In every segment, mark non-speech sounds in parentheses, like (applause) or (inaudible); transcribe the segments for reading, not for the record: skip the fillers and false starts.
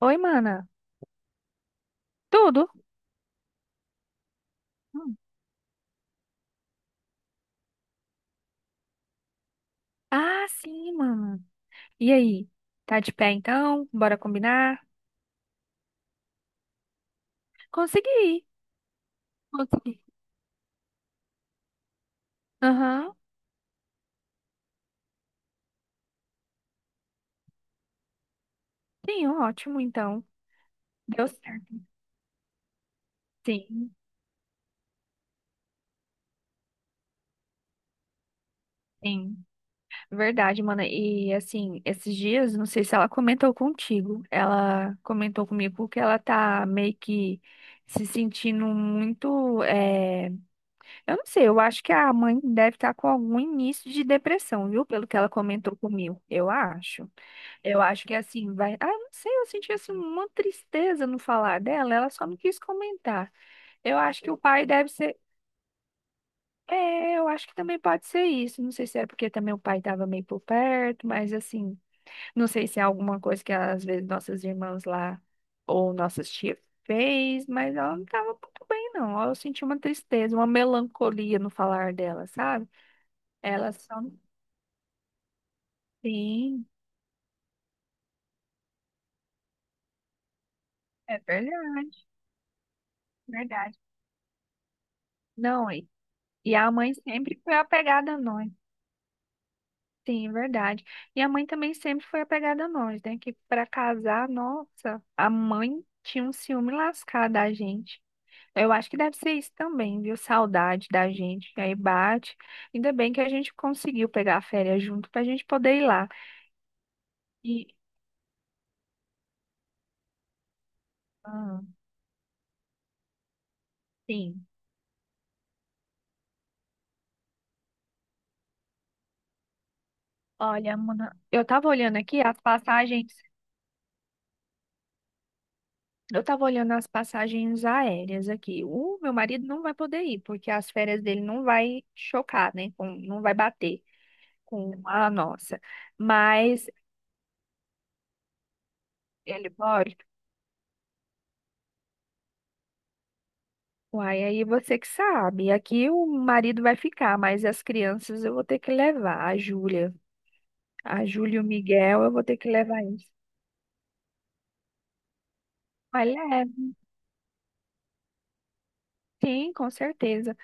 Oi, mana. Tudo? Hum. Ah, sim, mana. E aí? Tá de pé então? Bora combinar? Consegui. Consegui. Aham. Sim, ótimo, então. Deu certo. Sim, sim. Verdade, mana. E assim, esses dias, não sei se ela comentou contigo. Ela comentou comigo que ela tá meio que se sentindo muito. Eu não sei, eu acho que a mãe deve estar com algum início de depressão, viu? Pelo que ela comentou comigo. Eu acho. Eu acho que assim, vai. Ah, não sei, eu senti assim uma tristeza no falar dela, ela só não quis comentar. Eu acho que o pai deve ser. É, eu acho que também pode ser isso. Não sei se é porque também o pai estava meio por perto, mas assim, não sei se é alguma coisa que às vezes nossas irmãs lá ou nossas tias fez, mas ela não estava muito bem, não. Eu senti uma tristeza, uma melancolia no falar dela, sabe? Ela só. Sim, é verdade, verdade. Não, e a mãe sempre foi apegada a nós. Sim, é verdade. E a mãe também sempre foi apegada a nós, né? Que para casar, nossa, a mãe tinha um ciúme lascado da gente. Eu acho que deve ser isso também, viu? Saudade da gente. E aí bate. Ainda bem que a gente conseguiu pegar a férias junto pra gente poder ir lá. E, ah, sim. Olha, Mona, eu tava olhando aqui as passagens. Eu estava olhando as passagens aéreas aqui. O meu marido não vai poder ir, porque as férias dele não vai chocar, né? Não vai bater com a nossa. Mas ele pode. Uai, aí você que sabe. Aqui o marido vai ficar, mas as crianças eu vou ter que levar. A Júlia e o Miguel eu vou ter que levar eles. Mas leva, sim, com certeza.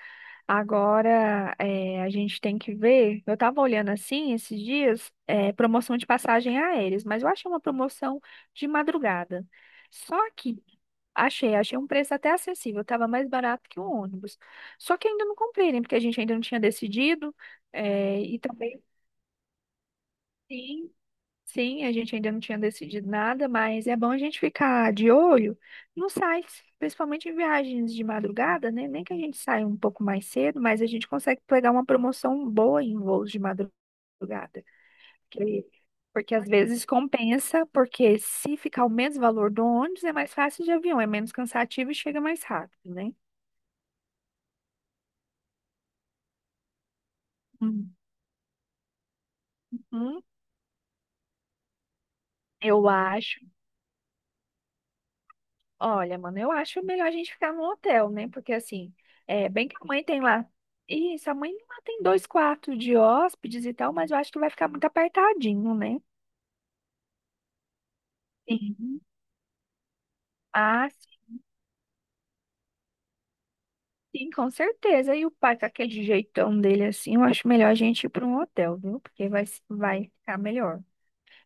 Agora, a gente tem que ver. Eu estava olhando assim esses dias, promoção de passagem aéreas, mas eu achei uma promoção de madrugada. Só que achei um preço até acessível, estava mais barato que o ônibus. Só que ainda não comprei, né? Porque a gente ainda não tinha decidido. E também sim. Sim, a gente ainda não tinha decidido nada, mas é bom a gente ficar de olho nos sites, principalmente em viagens de madrugada, né? Nem que a gente saia um pouco mais cedo, mas a gente consegue pegar uma promoção boa em voos de madrugada. porque Porque às vezes compensa, porque se ficar o mesmo valor do ônibus, é mais fácil de avião, é menos cansativo e chega mais rápido, né? Uhum. Eu acho. Olha, mano, eu acho melhor a gente ficar no hotel, né? Porque assim, é bem que a mãe tem lá. Isso, a mãe lá tem dois quartos de hóspedes e tal, mas eu acho que vai ficar muito apertadinho, né? Sim. Ah, sim, com certeza. E o pai com aquele jeitão dele assim, eu acho melhor a gente ir para um hotel, viu? Porque vai ficar melhor.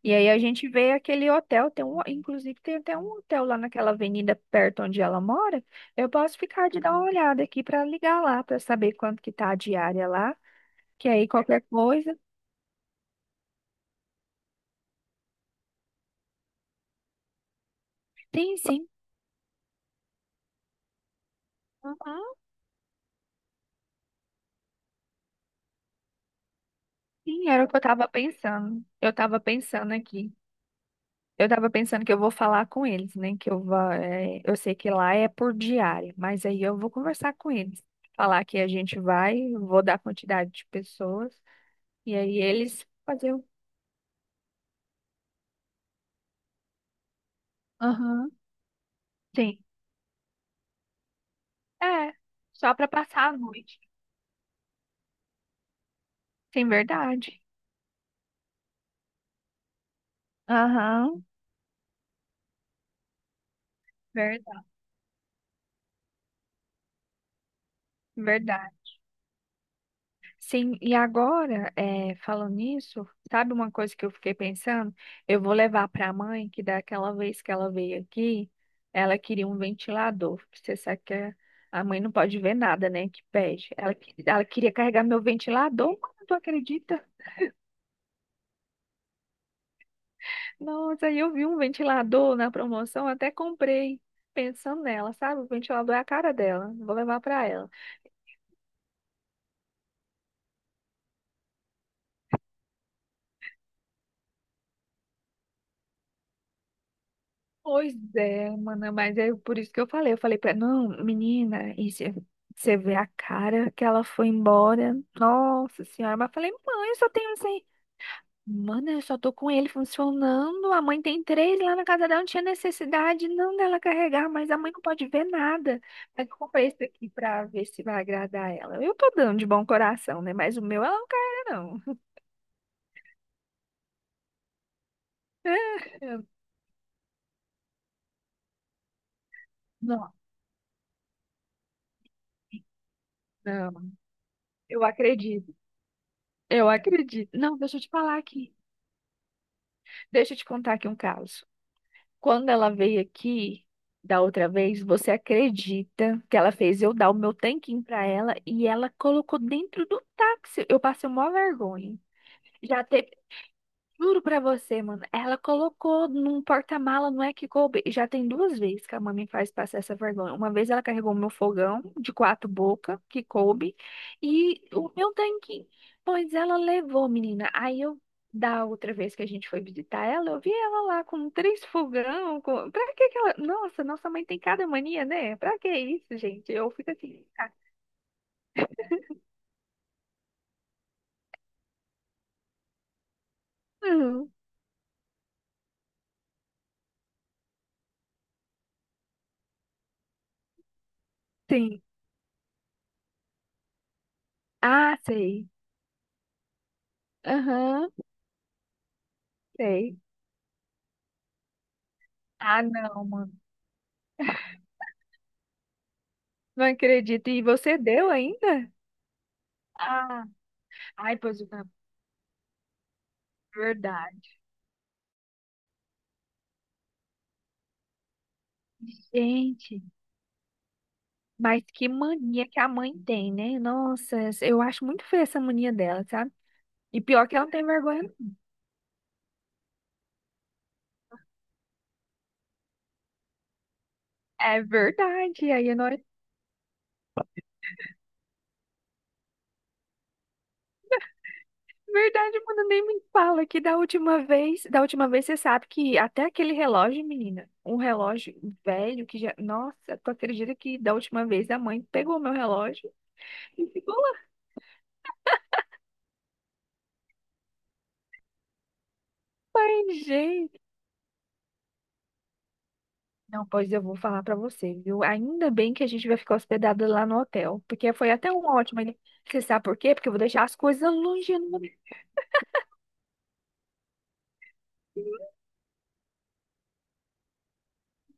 E aí a gente vê aquele hotel, tem um, inclusive tem até um hotel lá naquela avenida perto onde ela mora. Eu posso ficar de dar uma olhada aqui para ligar lá para saber quanto que tá a diária lá. Que aí qualquer coisa. Sim, sim. Uhum, sim, era o que eu tava pensando. Eu tava pensando aqui. Eu tava pensando que eu vou falar com eles, né? Que eu vou, eu sei que lá é por diária, mas aí eu vou conversar com eles. Falar que a gente vai, vou dar quantidade de pessoas, e aí eles fazer o. Aham, sim. É, só pra passar a noite. Sim, verdade. Aham. Verdade, verdade. Sim, e agora, falando nisso, sabe uma coisa que eu fiquei pensando? Eu vou levar para a mãe que daquela vez que ela veio aqui, ela queria um ventilador. Porque Você sabe que a mãe não pode ver nada, né? Que pede. Ela, ela queria carregar meu ventilador, mano, tu acredita? Nossa, aí eu vi um ventilador na promoção, até comprei, pensando nela, sabe? O ventilador é a cara dela. Vou levar para ela. Pois é, mana, mas é por isso que eu falei. Eu falei pra ela, não, menina, você vê a cara que ela foi embora. Nossa senhora, mas eu falei, mãe, eu só tenho assim. Mana, eu só tô com ele funcionando. A mãe tem três lá na casa dela, não tinha necessidade não dela carregar, mas a mãe não pode ver nada. Aí eu comprei esse aqui pra ver se vai agradar ela. Eu tô dando de bom coração, né? Mas o meu ela não carrega, não. (laughs) Não, não, eu acredito. Eu acredito. Não, deixa eu te falar aqui. Deixa eu te contar aqui um caso. Quando ela veio aqui da outra vez, você acredita que ela fez eu dar o meu tanquinho pra ela e ela colocou dentro do táxi? Eu passei uma vergonha. Já teve. Juro pra você, mano. Ela colocou num porta-mala, não é que coube. E já tem duas vezes que a mãe me faz passar essa vergonha. Uma vez ela carregou meu fogão de quatro bocas, que coube, e o meu tanquinho. Pois ela levou, menina. Aí eu, da outra vez que a gente foi visitar ela, eu vi ela lá com três fogão. Com... Pra que que ela. Nossa, nossa mãe tem cada mania, né? Pra que isso, gente? Eu fico assim. Ah, hum, sim. Ah, sei. Aham, sei. Ah, não, mano. Não acredito. E você deu ainda? Ah, ai, pois é, verdade. Gente, mas que mania que a mãe tem, né? Nossa, eu acho muito feia essa mania dela, sabe? E pior que ela não tem vergonha. É verdade. Aí nós. Verdade, mano, nem me fala que da última vez você sabe que até aquele relógio, menina, um relógio velho que já, nossa, tu acredita que da última vez a mãe pegou meu relógio e ficou lá. Pai. Não, pois eu vou falar pra você, viu? Ainda bem que a gente vai ficar hospedado lá no hotel, porque foi até um ótimo. Você sabe por quê? Porque eu vou deixar as coisas longe. Não,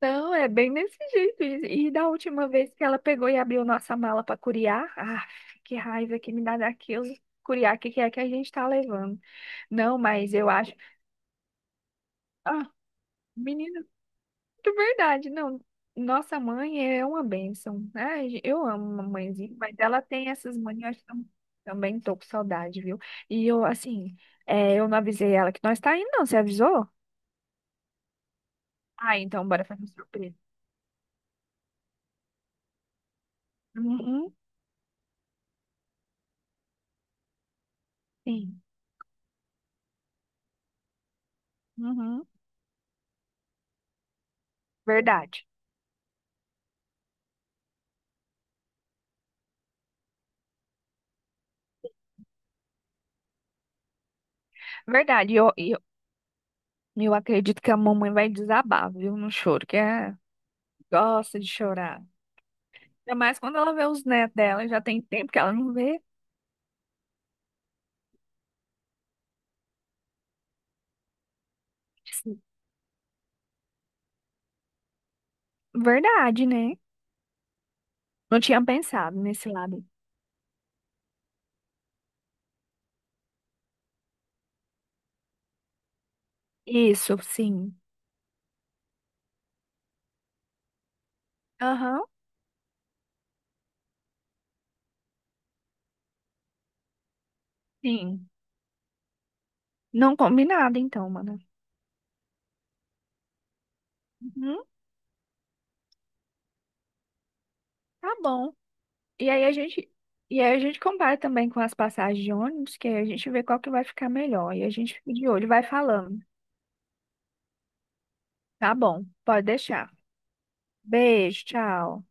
não, é bem desse jeito. E da última vez que ela pegou e abriu nossa mala pra curiar, ah, que raiva que me dá daquilo. Curiar, o que que é que a gente tá levando? Não, mas eu acho. Ah, menina. É verdade, não. Nossa mãe é uma bênção. Ai, eu amo a mamãezinha, mas ela tem essas manias. Também tô com saudade, viu? E eu, assim, eu não avisei ela que nós tá indo, não. Você avisou? Ah, então bora fazer uma surpresa. Uhum, sim. Uhum, verdade. Verdade. E eu acredito que a mamãe vai desabar, viu, no choro, que é, gosta de chorar. Ainda mais quando ela vê os netos dela, já tem tempo que ela não vê. Verdade, né? Não tinha pensado nesse lado. Isso, sim. Aham, sim. Não, combinado, então, mano. Uhum, tá bom. E aí a gente, e aí a gente compara também com as passagens de ônibus, que aí a gente vê qual que vai ficar melhor. E a gente fica de olho, e vai falando. Tá bom, pode deixar. Beijo, tchau.